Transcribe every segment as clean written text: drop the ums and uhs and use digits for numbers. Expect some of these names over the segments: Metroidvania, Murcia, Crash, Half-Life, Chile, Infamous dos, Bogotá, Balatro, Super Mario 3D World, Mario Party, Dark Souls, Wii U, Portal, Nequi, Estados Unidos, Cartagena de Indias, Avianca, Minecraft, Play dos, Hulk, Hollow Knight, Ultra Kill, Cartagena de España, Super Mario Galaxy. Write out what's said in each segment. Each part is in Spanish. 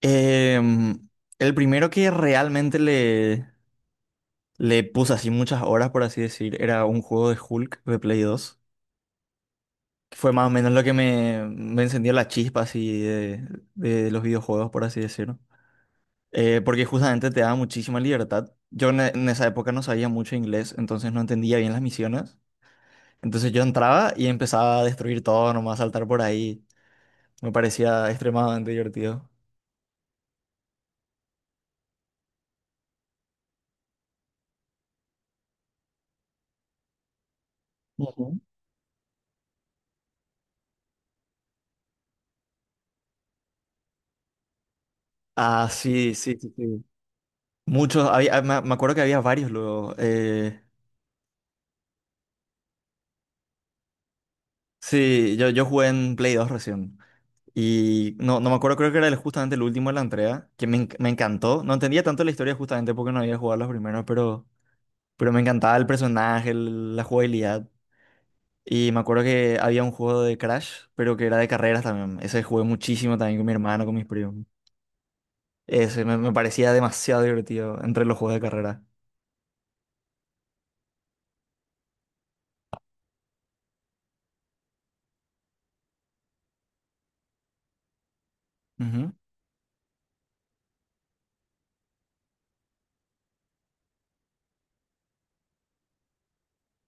Em, el primero que realmente le puse así muchas horas, por así decir, era un juego de Hulk de Play 2 que fue más o menos lo que me encendió la chispa así de los videojuegos, por así decirlo. Porque justamente te da muchísima libertad. Yo en esa época no sabía mucho inglés, entonces no entendía bien las misiones. Entonces yo entraba y empezaba a destruir todo, nomás saltar por ahí. Me parecía extremadamente divertido. Ujú. Ah, sí, sí, sí, sí. Muchos, había, me acuerdo que había varios luego. Sí, yo jugué en Play 2 recién. Y no, no me acuerdo, creo que era justamente el último de la entrega, que me encantó. No entendía tanto la historia justamente porque no había jugado los primeros, pero, me encantaba el personaje, la jugabilidad. Y me acuerdo que había un juego de Crash, pero que era de carreras también. Ese jugué muchísimo también con mi hermano, con mis primos. Ese me parecía demasiado divertido entre los juegos de carrera.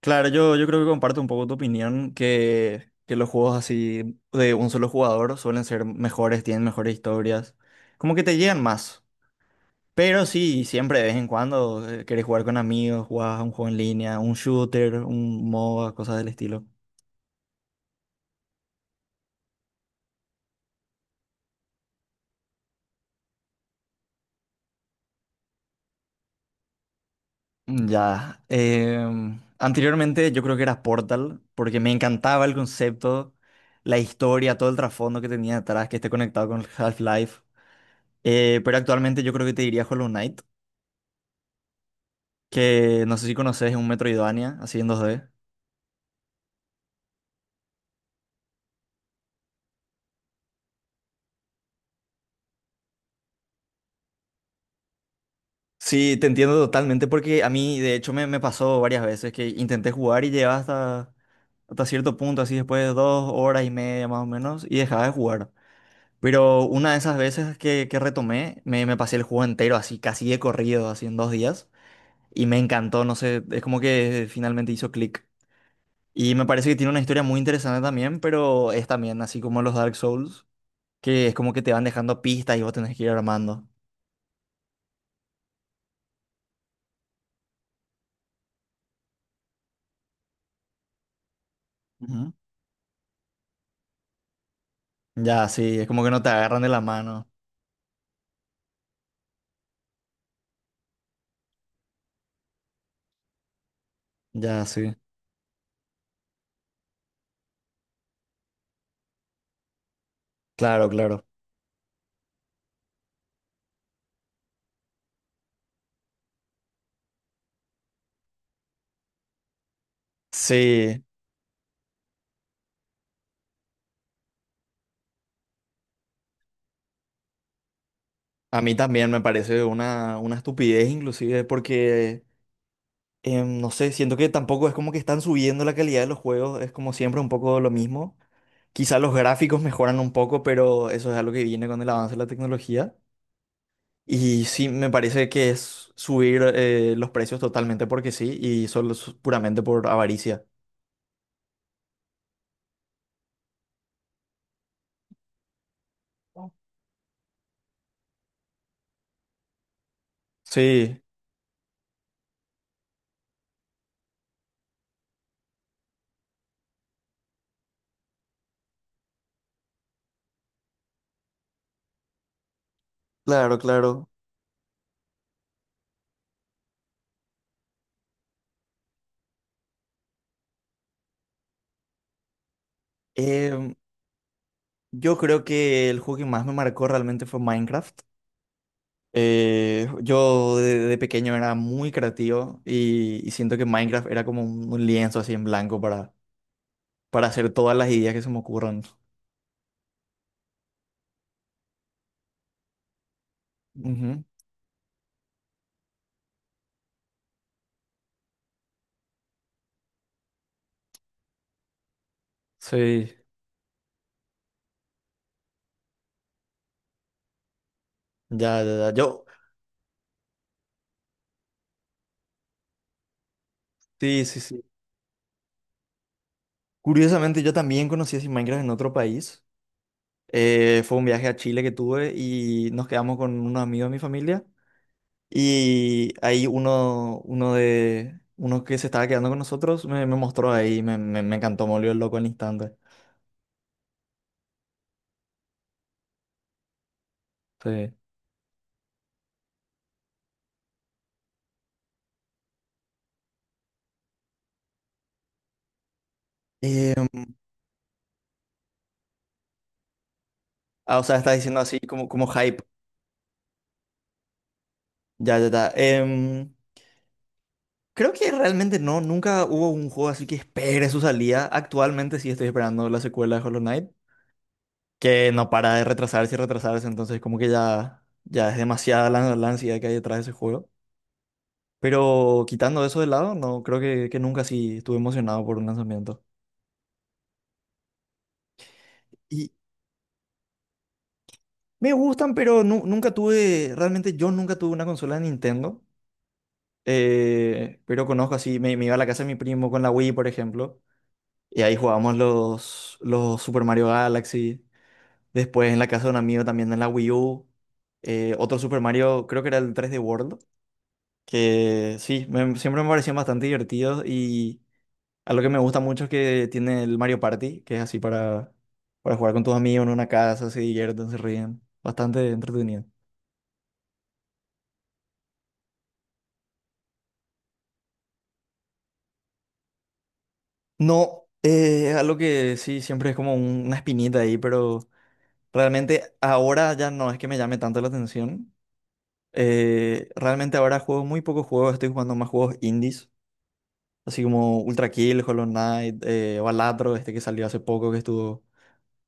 Claro, yo creo que comparto un poco tu opinión, que los juegos así de un solo jugador suelen ser mejores, tienen mejores historias, como que te llegan más. Pero sí, siempre de vez en cuando querés jugar con amigos, jugás a un juego en línea, un shooter, un MOBA, cosas del estilo. Ya. Anteriormente yo creo que era Portal, porque me encantaba el concepto, la historia, todo el trasfondo que tenía detrás, que esté conectado con Half-Life. Pero actualmente yo creo que te diría Hollow Knight que no sé si conoces, es un Metroidvania, así en 2D. Sí, te entiendo totalmente porque a mí, de hecho, me pasó varias veces que intenté jugar y llegaba hasta cierto punto, así después de 2 horas y media más o menos, y dejaba de jugar. Pero una de esas veces que retomé, me pasé el juego entero, así casi de corrido, así en 2 días, y me encantó, no sé, es como que finalmente hizo clic. Y me parece que tiene una historia muy interesante también, pero es también así como los Dark Souls, que es como que te van dejando pistas y vos tenés que ir armando. Ujú. Ya, sí, es como que no te agarran de la mano. Ya, sí. Claro, claro. Sí, a mí también me parece una estupidez inclusive porque, no sé, siento que tampoco es como que están subiendo la calidad de los juegos, es como siempre un poco lo mismo. Quizá los gráficos mejoran un poco, pero eso es algo que viene con el avance de la tecnología. Y sí, me parece que es subir los precios totalmente porque sí, y solo es puramente por avaricia. Sí, claro, claro. Yo creo que el juego que más me marcó realmente fue Minecraft. Yo de pequeño era muy creativo y siento que Minecraft era como un lienzo así en blanco para hacer todas las ideas que se me ocurran. Ujú. Sí, ya, ya, ya. Sí, sí, sí. Curiosamente, yo también conocí así Minecraft en otro país. Fue un viaje a Chile que tuve y nos quedamos con unos amigos de mi familia. Y ahí uno que se estaba quedando con nosotros me mostró ahí, me encantó, me volvió loco al instante. Sí. Em, o sea, está diciendo así como hype. Ya, ya, ya. Creo que realmente no, nunca hubo un juego así que espere su salida. Actualmente sí estoy esperando la secuela de Hollow Knight, que no para de retrasarse y retrasarse, entonces como que ya es demasiada la ansiedad que hay detrás de ese juego. Pero quitando eso de lado, no, creo que nunca sí estuve emocionado por un lanzamiento. Y me gustan, pero nunca tuve, realmente yo nunca tuve una consola de Nintendo. Pero conozco así, me iba a la casa de mi primo con la Wii, por ejemplo. Y ahí jugábamos los Super Mario Galaxy. Después en la casa de un amigo también en la Wii U. Otro Super Mario, creo que era el 3D World. Que sí, siempre me parecían bastante divertidos. Y algo que me gusta mucho es que tiene el Mario Party, que es así para jugar con tus amigos en una casa, se divierten, se ríen. Bastante entretenido. No, es algo que sí, siempre es como una espinita ahí, pero realmente ahora ya no es que me llame tanto la atención. Realmente ahora juego muy pocos juegos, estoy jugando más juegos indies, así como Ultra Kill, Hollow Knight, Balatro, este que salió hace poco, que estuvo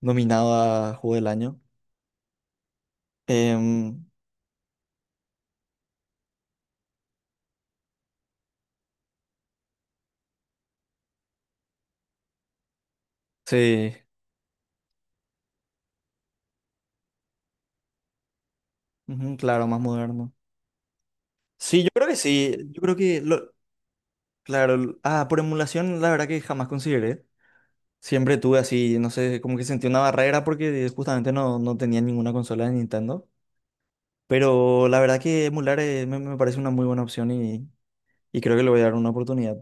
nominado a Juego del Año. Em, sí, ujú, claro, más moderno. Sí, yo creo que sí, yo creo que, claro, por emulación la verdad que jamás consideré. Siempre tuve así, no sé, como que sentí una barrera porque justamente no, no tenía ninguna consola de Nintendo. Pero la verdad que emular me parece una muy buena opción y creo que le voy a dar una oportunidad.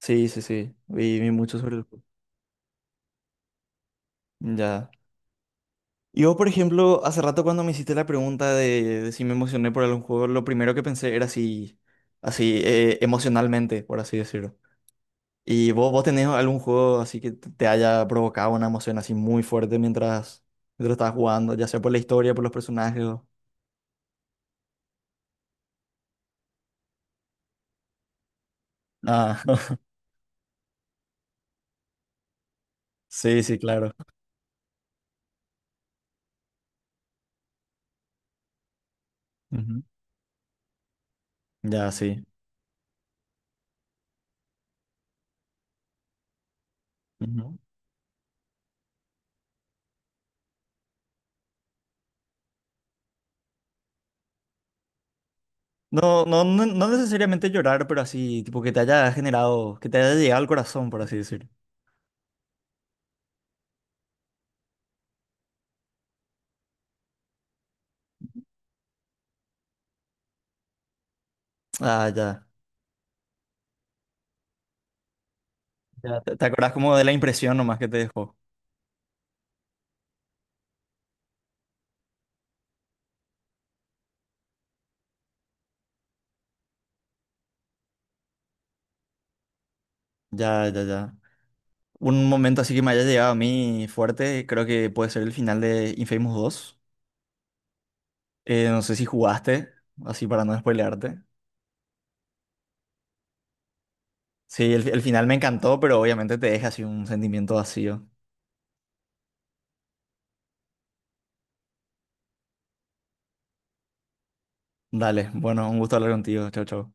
Sí, sí, sí. Vi mucho sobre el juego. Ya. Yo por ejemplo, hace rato cuando me hiciste la pregunta de si me emocioné por algún juego, lo primero que pensé era si, así, emocionalmente, por así decirlo. ¿Y vos tenés algún juego así que te haya provocado una emoción así muy fuerte mientras estabas jugando, ya sea por la historia, por los personajes? Ah, sí, sí, claro. Ujú. Ya, sí. Ujú. No, no, no, no necesariamente llorar, pero así, tipo que te haya generado, que te haya llegado al corazón, por así decir. Ah, ya. Ya. Te acordás como de la impresión nomás que te dejó. Ya, ya, ya. Un momento así que me haya llegado a mí fuerte, creo que puede ser el final de Infamous 2. No sé si jugaste, así para no spoilearte. Sí, el final me encantó, pero obviamente te deja así un sentimiento vacío. Dale, bueno, un gusto hablar contigo. Chau, chau.